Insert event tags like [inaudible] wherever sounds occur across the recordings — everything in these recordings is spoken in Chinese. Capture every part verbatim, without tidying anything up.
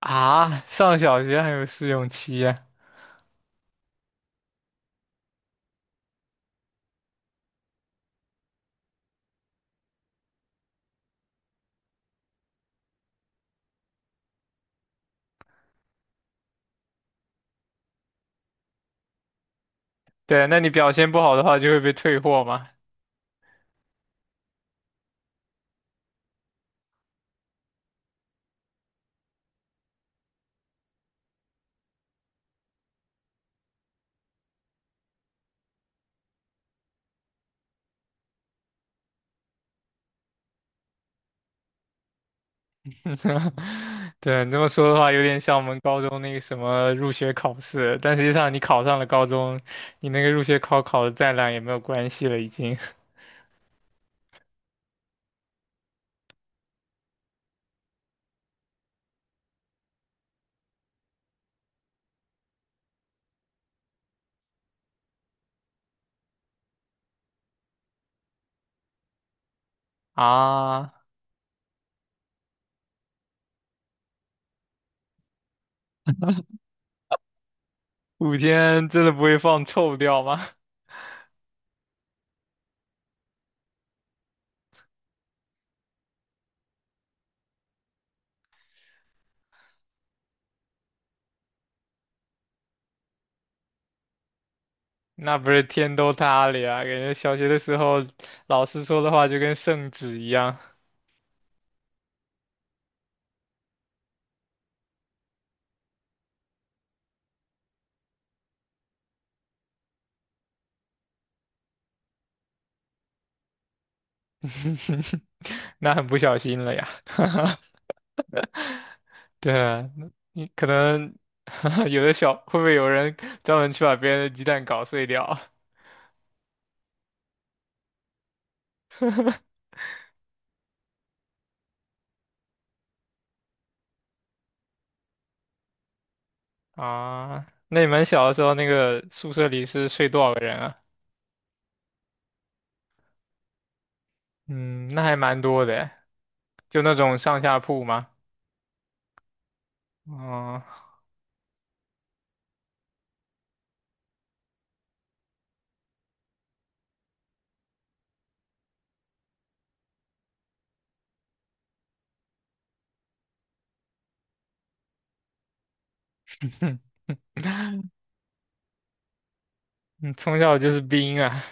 啊，上小学还有试用期？呀？对，那你表现不好的话就会被退货嘛。[laughs] 对，你这么说的话，有点像我们高中那个什么入学考试，但实际上你考上了高中，你那个入学考考的再烂也没有关系了，已经。啊，五天真的不会放臭掉吗？[laughs] 那不是天都塌了呀，感觉小学的时候老师说的话就跟圣旨一样。[laughs] 那很不小心了呀。[laughs] 对啊，你可能 [laughs] 有的小，会不会有人专门去把别人的鸡蛋搞碎掉。 [laughs] 啊？那你们小的时候，那个宿舍里是睡多少个人啊？嗯，那还蛮多的诶。就那种上下铺吗？哦。[laughs] 你从小就是兵啊。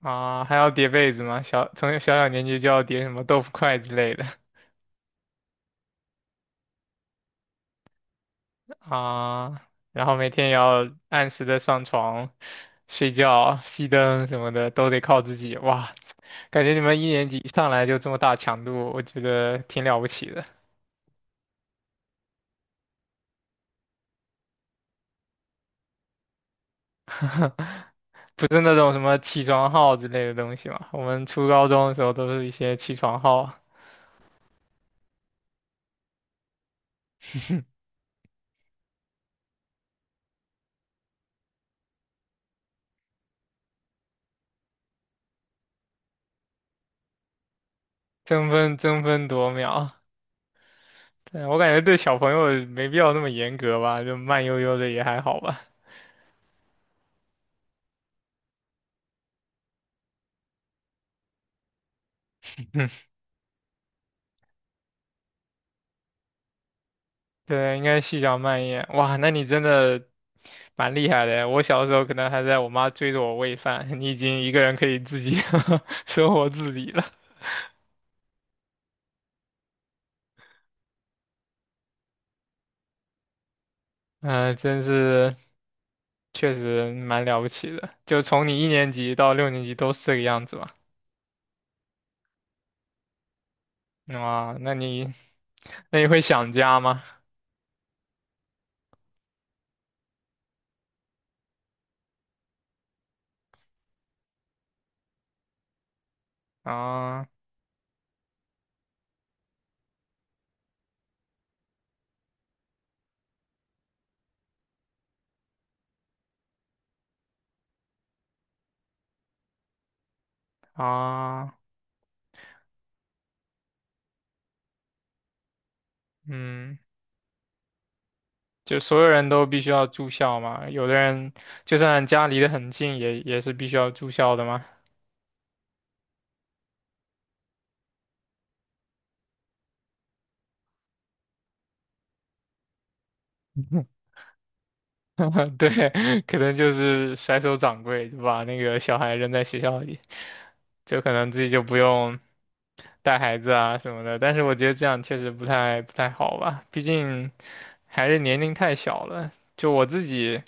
啊，还要叠被子吗？小从小小年纪就要叠什么豆腐块之类的。啊，然后每天也要按时的上床、睡觉、熄灯什么的，都得靠自己。哇，感觉你们一年级一上来就这么大强度，我觉得挺了不起的。不是那种什么起床号之类的东西嘛，我们初高中的时候都是一些起床号。争分争分夺秒。对，我感觉对小朋友没必要那么严格吧，就慢悠悠的也还好吧。对，应该细嚼慢咽。哇，那你真的蛮厉害的。我小时候可能还在我妈追着我喂饭，你已经一个人可以自己 [laughs] 生活自理了。嗯、真是确实蛮了不起的。就从你一年级到六年级都是这个样子吧？哇，那你那你会想家吗？啊。啊，嗯，就所有人都必须要住校吗？有的人就算家离得很近也也是必须要住校的吗？[laughs] [laughs] 对，可能就是甩手掌柜，就把那个小孩扔在学校里，就可能自己就不用带孩子啊什么的。但是我觉得这样确实不太不太好吧，毕竟还是年龄太小了。就我自己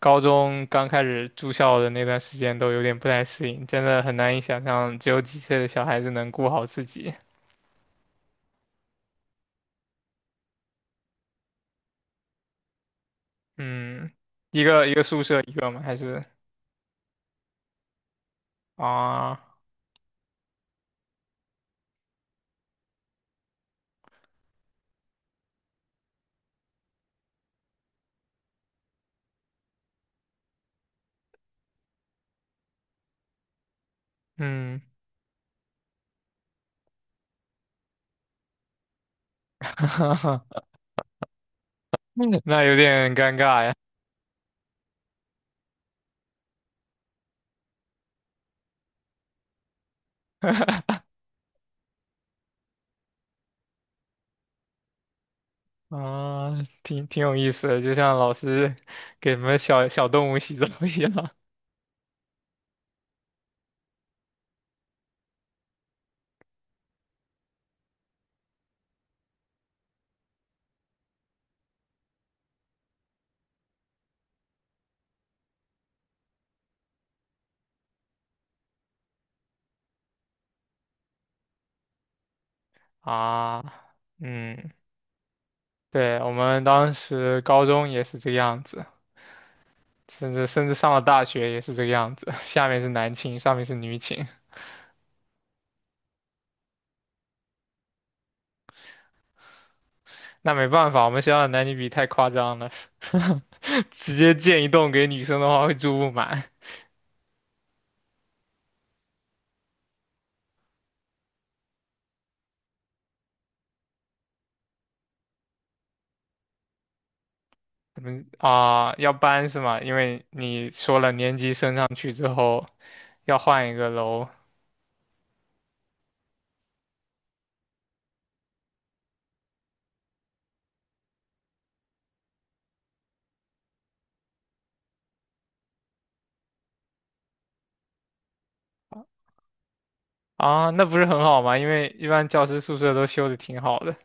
高中刚开始住校的那段时间都有点不太适应，真的很难以想象只有几岁的小孩子能顾好自己。嗯，一个一个宿舍一个吗？还是。啊？嗯。[laughs] [laughs] 那有点尴尬呀。[laughs] 啊，挺挺有意思的，就像老师给什么小小动物洗澡一样。 [laughs] 啊。嗯，对，我们当时高中也是这个样子，甚至甚至上了大学也是这个样子。[laughs] 下面是男寝，上面是女寝。那没办法，我们学校的男女比太夸张了。[laughs] 直接建一栋给女生的话会住不满。怎么啊？要搬是吗？因为你说了年级升上去之后。要换一个楼。啊，那不是很好吗？因为一般教师宿舍都修的挺好的。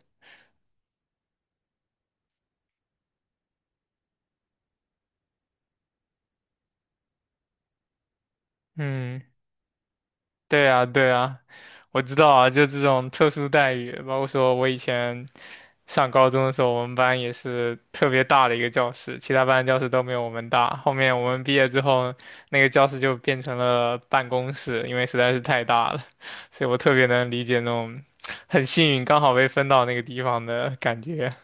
嗯，对啊，对啊，我知道啊，就这种特殊待遇，包括说我以前上高中的时候，我们班也是特别大的一个教室，其他班教室都没有我们大。后面我们毕业之后，那个教室就变成了办公室，因为实在是太大了，所以我特别能理解那种很幸运刚好被分到那个地方的感觉。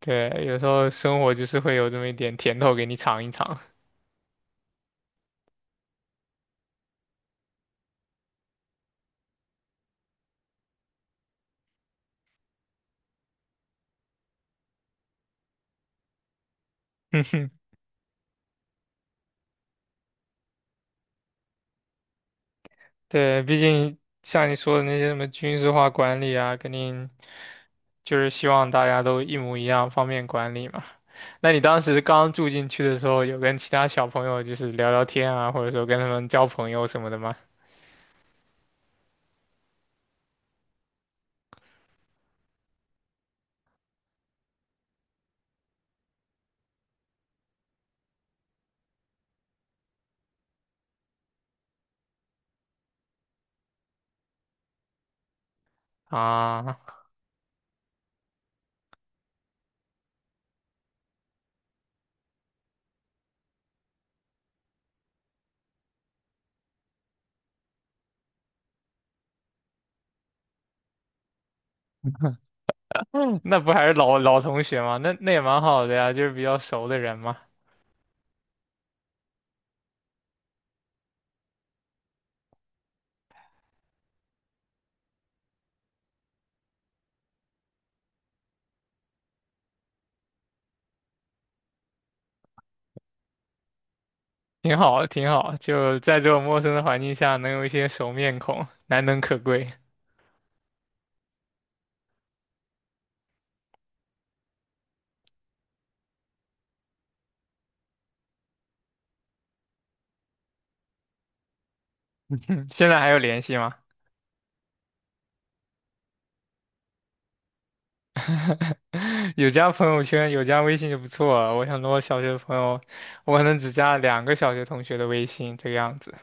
对，有时候生活就是会有这么一点甜头给你尝一尝。[laughs] 哼哼。对，毕竟像你说的那些什么军事化管理啊，肯定就是希望大家都一模一样，方便管理嘛。那你当时刚住进去的时候，有跟其他小朋友就是聊聊天啊，或者说跟他们交朋友什么的吗？啊。[laughs] 那不还是老老同学吗？那那也蛮好的呀，就是比较熟的人嘛。挺好，挺好。就在这种陌生的环境下，能有一些熟面孔，难能可贵。现在还有联系吗？[laughs] 有加朋友圈，有加微信就不错了。我想跟我小学的朋友，我可能只加两个小学同学的微信这个样子。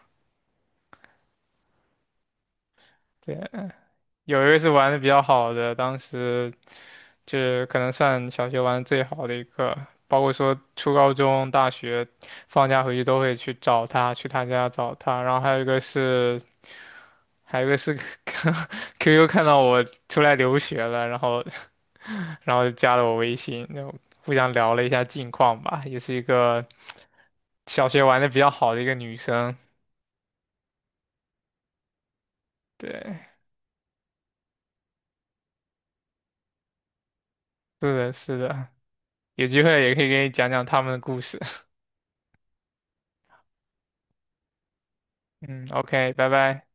对，有一个是玩的比较好的，当时就是可能算小学玩的最好的一个，包括说初高中、大学放假回去都会去找他，去他家找他。然后还有一个是还有一个是 [laughs] Q Q 看到我出来留学了，然后然后就加了我微信，然后互相聊了一下近况吧，也是一个小学玩的比较好的一个女生。对，是的，是的，有机会也可以给你讲讲他们的故事。嗯，OK,拜拜。